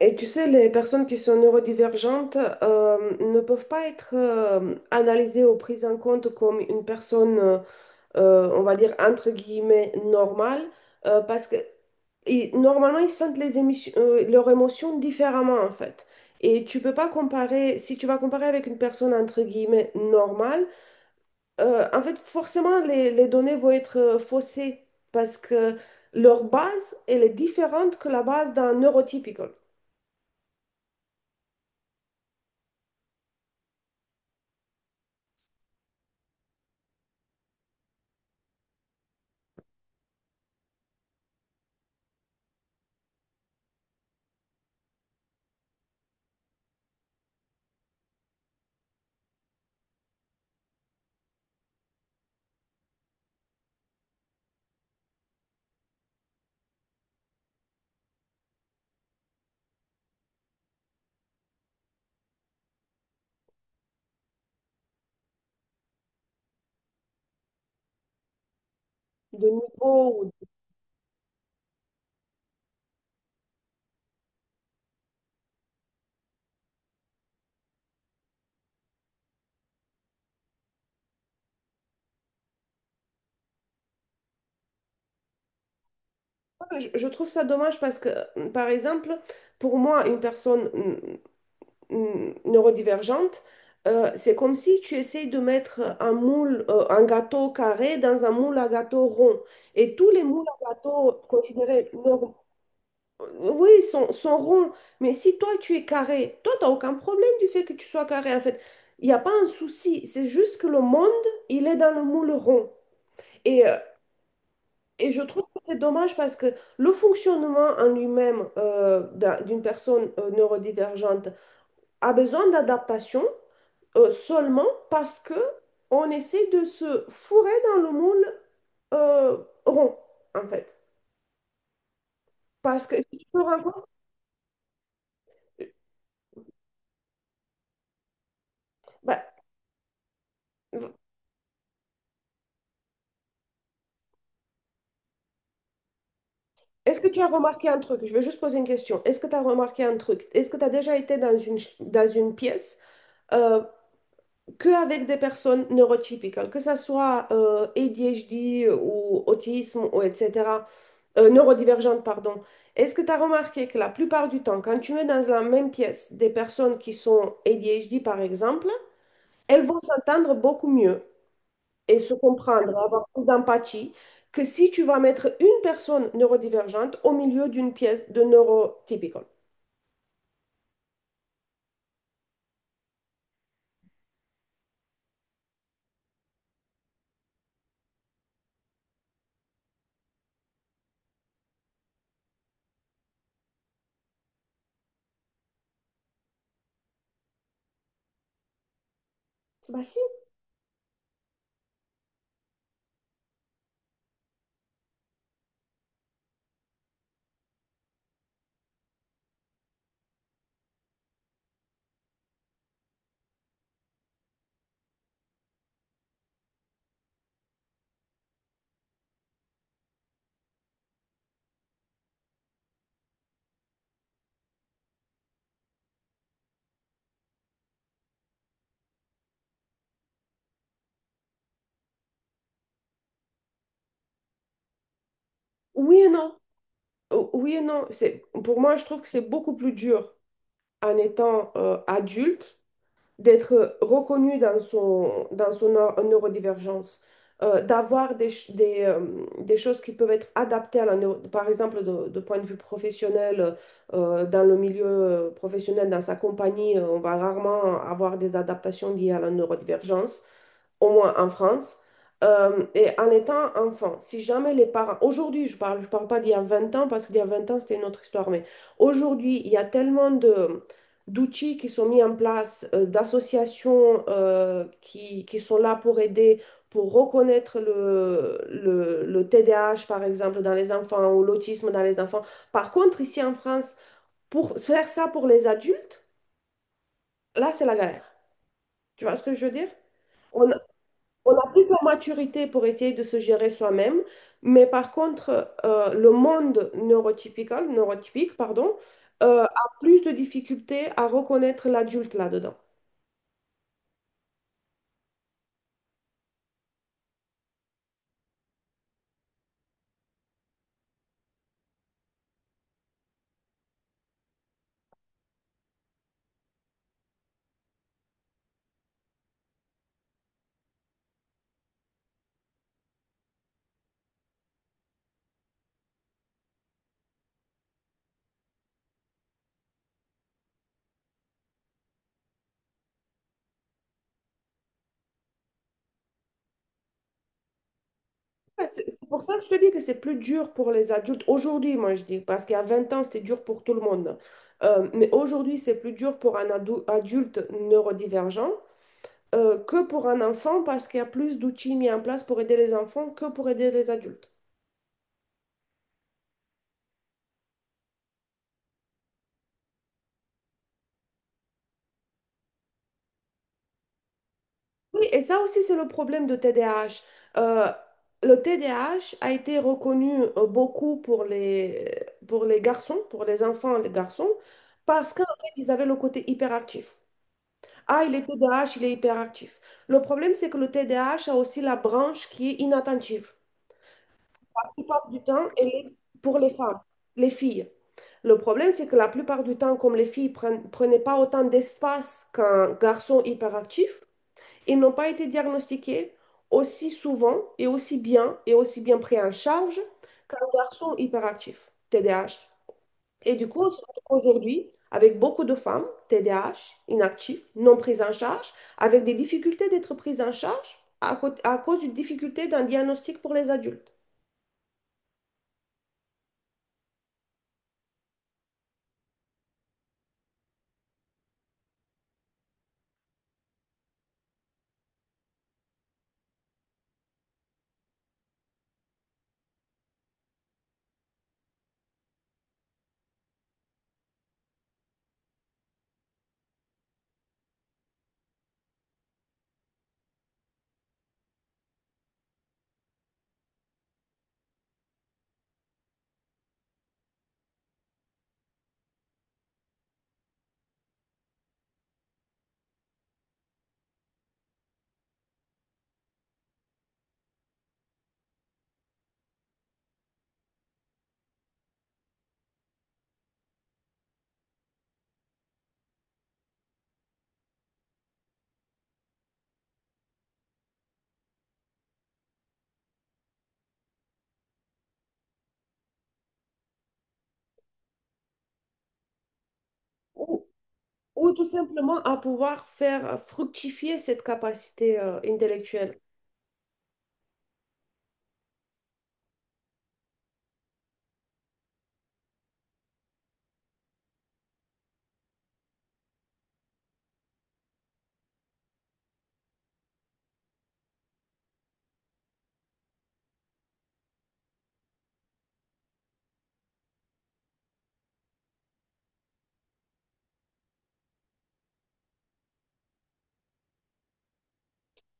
Et tu sais, les personnes qui sont neurodivergentes ne peuvent pas être analysées ou prises en compte comme une personne, on va dire, entre guillemets, normale, parce que et normalement, ils sentent leurs émotions différemment, en fait. Et tu peux pas comparer, si tu vas comparer avec une personne, entre guillemets, normale, en fait, forcément, les données vont être faussées, parce que leur base, elle est différente que la base d'un neurotypical de niveau. Je trouve ça dommage parce que, par exemple, pour moi, une personne neurodivergente, c'est comme si tu essayes de mettre un moule, un gâteau carré dans un moule à gâteau rond. Et tous les moules à gâteau considérés normaux, oui, sont ronds. Mais si toi, tu es carré, toi, tu n'as aucun problème du fait que tu sois carré. En fait, il n'y a pas un souci. C'est juste que le monde, il est dans le moule rond. Et euh, et je trouve que c'est dommage parce que le fonctionnement en lui-même d'une personne neurodivergente a besoin d'adaptation seulement parce que on essaie de se fourrer dans le moule euh, rond, en fait. Parce que si tu te rends compte, bah, est-ce que tu as remarqué un truc? Je vais juste poser une question. Est-ce que tu as remarqué un truc? Est-ce que tu as déjà été dans dans une pièce euh, qu'avec des personnes neurotypiques, que ce soit ADHD ou autisme ou etc., neurodivergente, pardon. Est-ce que tu as remarqué que la plupart du temps, quand tu mets dans la même pièce des personnes qui sont ADHD, par exemple, elles vont s'entendre beaucoup mieux et se comprendre, avoir plus d'empathie, que si tu vas mettre une personne neurodivergente au milieu d'une pièce de neurotypical. Bah si, oui et non. O- Oui et non. C'est, pour moi, je trouve que c'est beaucoup plus dur en étant adulte d'être reconnu dans dans son neurodivergence, d'avoir des choses qui peuvent être adaptées à la neuro- par exemple, de point de vue professionnel, dans le milieu professionnel, dans sa compagnie, on va rarement avoir des adaptations liées à la neurodivergence au moins en France. Et en étant enfant, si jamais les parents, aujourd'hui je parle pas d'il y a 20 ans parce qu'il y a 20 ans c'était une autre histoire, mais aujourd'hui il y a tellement d'outils qui sont mis en place, d'associations qui sont là pour aider, pour reconnaître le TDAH, par exemple, dans les enfants ou l'autisme dans les enfants. Par contre, ici en France, pour faire ça pour les adultes, là, c'est la galère. Tu vois ce que je veux dire? On, on a plus la maturité pour essayer de se gérer soi-même, mais par contre, le monde neurotypique, pardon, a plus de difficultés à reconnaître l'adulte là-dedans. Ouais, c'est pour ça que je te dis que c'est plus dur pour les adultes aujourd'hui, moi je dis, parce qu'il y a 20 ans, c'était dur pour tout le monde. Mais aujourd'hui, c'est plus dur pour un adulte neurodivergent que pour un enfant, parce qu'il y a plus d'outils mis en place pour aider les enfants que pour aider les adultes. Oui, et ça aussi, c'est le problème de TDAH. Euh, le TDAH a H a été reconnu beaucoup pour les garçons, pour les enfants, et les garçons, parce qu'en fait, ils avaient le côté hyperactif. Ah, il est TDAH, il est hyperactif. Le problème, c'est que le TDAH a H a aussi la branche qui est inattentive. La plupart du temps, elle est pour les femmes, les filles. Le problème, c'est que la plupart du temps, comme les filles ne prenaient pas autant d'espace qu'un garçon hyperactif, ils n'ont pas été diagnostiqués aussi souvent et aussi bien pris en charge qu'un garçon hyperactif, TDAH. Et du coup, on se retrouve aujourd'hui avec beaucoup de femmes, TDAH, inactives, non prises en charge, avec des difficultés d'être prises en charge à cause d'une difficulté d'un diagnostic pour les adultes. Ou, ou tout simplement à pouvoir faire fructifier cette capacité intellectuelle.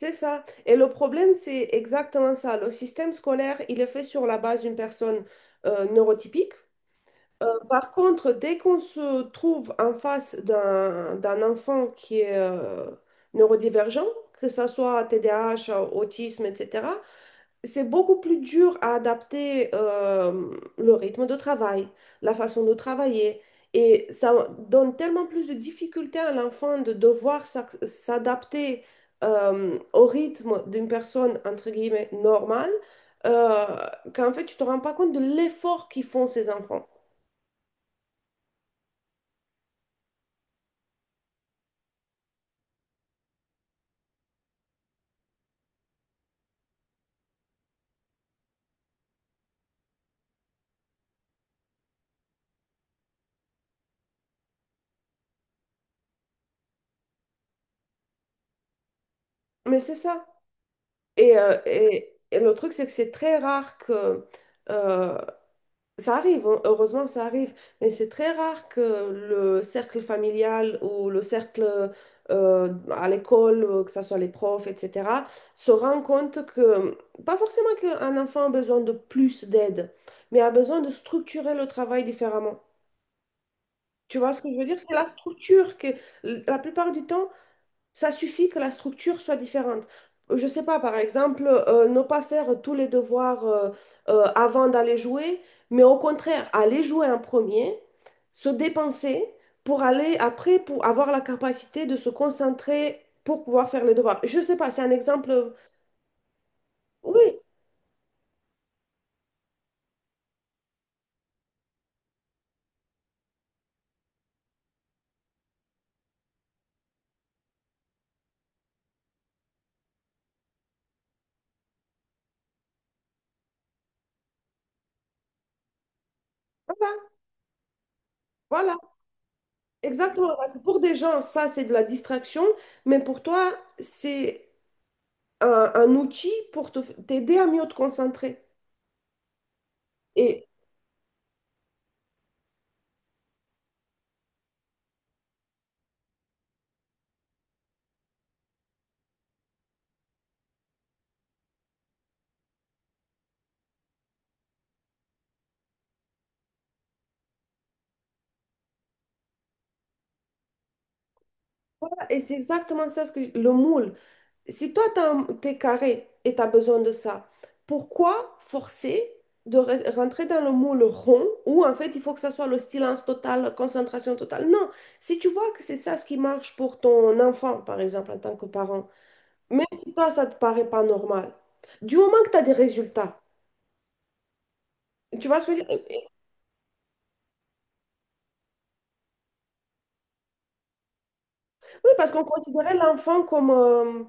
C'est ça. Et le problème, c'est exactement ça. Le système scolaire, il est fait sur la base d'une personne neurotypique. Par contre, dès qu'on se trouve en face d'un enfant qui est neurodivergent, que ce soit TDAH, autisme, etc., c'est beaucoup plus dur à adapter le rythme de travail, la façon de travailler. Et ça donne tellement plus de difficultés à l'enfant de devoir s'adapter au rythme d'une personne, entre guillemets, normale, euh, qu'en fait, tu te rends pas compte de l'effort qu'ils font ces enfants. Mais c'est ça. Et et le truc, c'est que c'est très rare que euh, ça arrive, hein, heureusement, ça arrive, mais c'est très rare que le cercle familial ou le cercle à l'école, que ce soit les profs, etc., se rend compte que, pas forcément qu'un enfant a besoin de plus d'aide, mais a besoin de structurer le travail différemment. Tu vois ce que je veux dire? C'est la structure que, la plupart du temps, ça suffit que la structure soit différente. Je sais pas, par exemple, ne pas faire tous les devoirs avant d'aller jouer, mais au contraire, aller jouer en premier, se dépenser pour aller après, pour avoir la capacité de se concentrer pour pouvoir faire les devoirs. Je sais pas, c'est un exemple. Oui, voilà, voilà, exactement. Parce que pour des gens, ça, c'est de la distraction, mais pour toi, c'est un outil pour t'aider à mieux te concentrer. Et Et c'est exactement ça, ce que le moule. Si toi, t'es carré et tu as besoin de ça, pourquoi forcer de rentrer dans le moule rond où en fait il faut que ça soit le silence total, concentration totale? Non, si tu vois que c'est ça ce qui marche pour ton enfant, par exemple, en tant que parent, même si toi, ça te paraît pas normal, du moment que tu as des résultats, tu vois ce que je veux dire? Oui, parce qu'on considérait l'enfant comme, euh,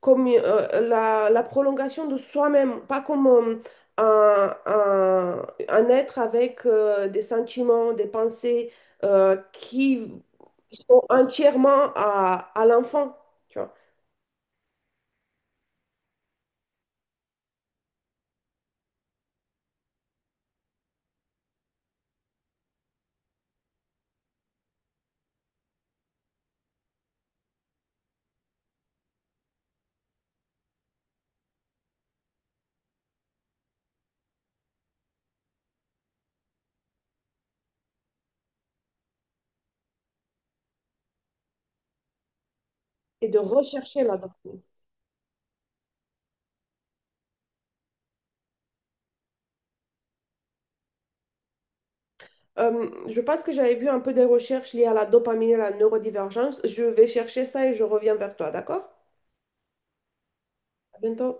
comme euh, la, la prolongation de soi-même, pas comme un, un être avec des sentiments, des pensées qui sont entièrement à l'enfant, tu vois, et de rechercher la dopamine. Je pense que j'avais vu un peu des recherches liées à la dopamine et à la neurodivergence. Je vais chercher ça et je reviens vers toi, d'accord? À bientôt.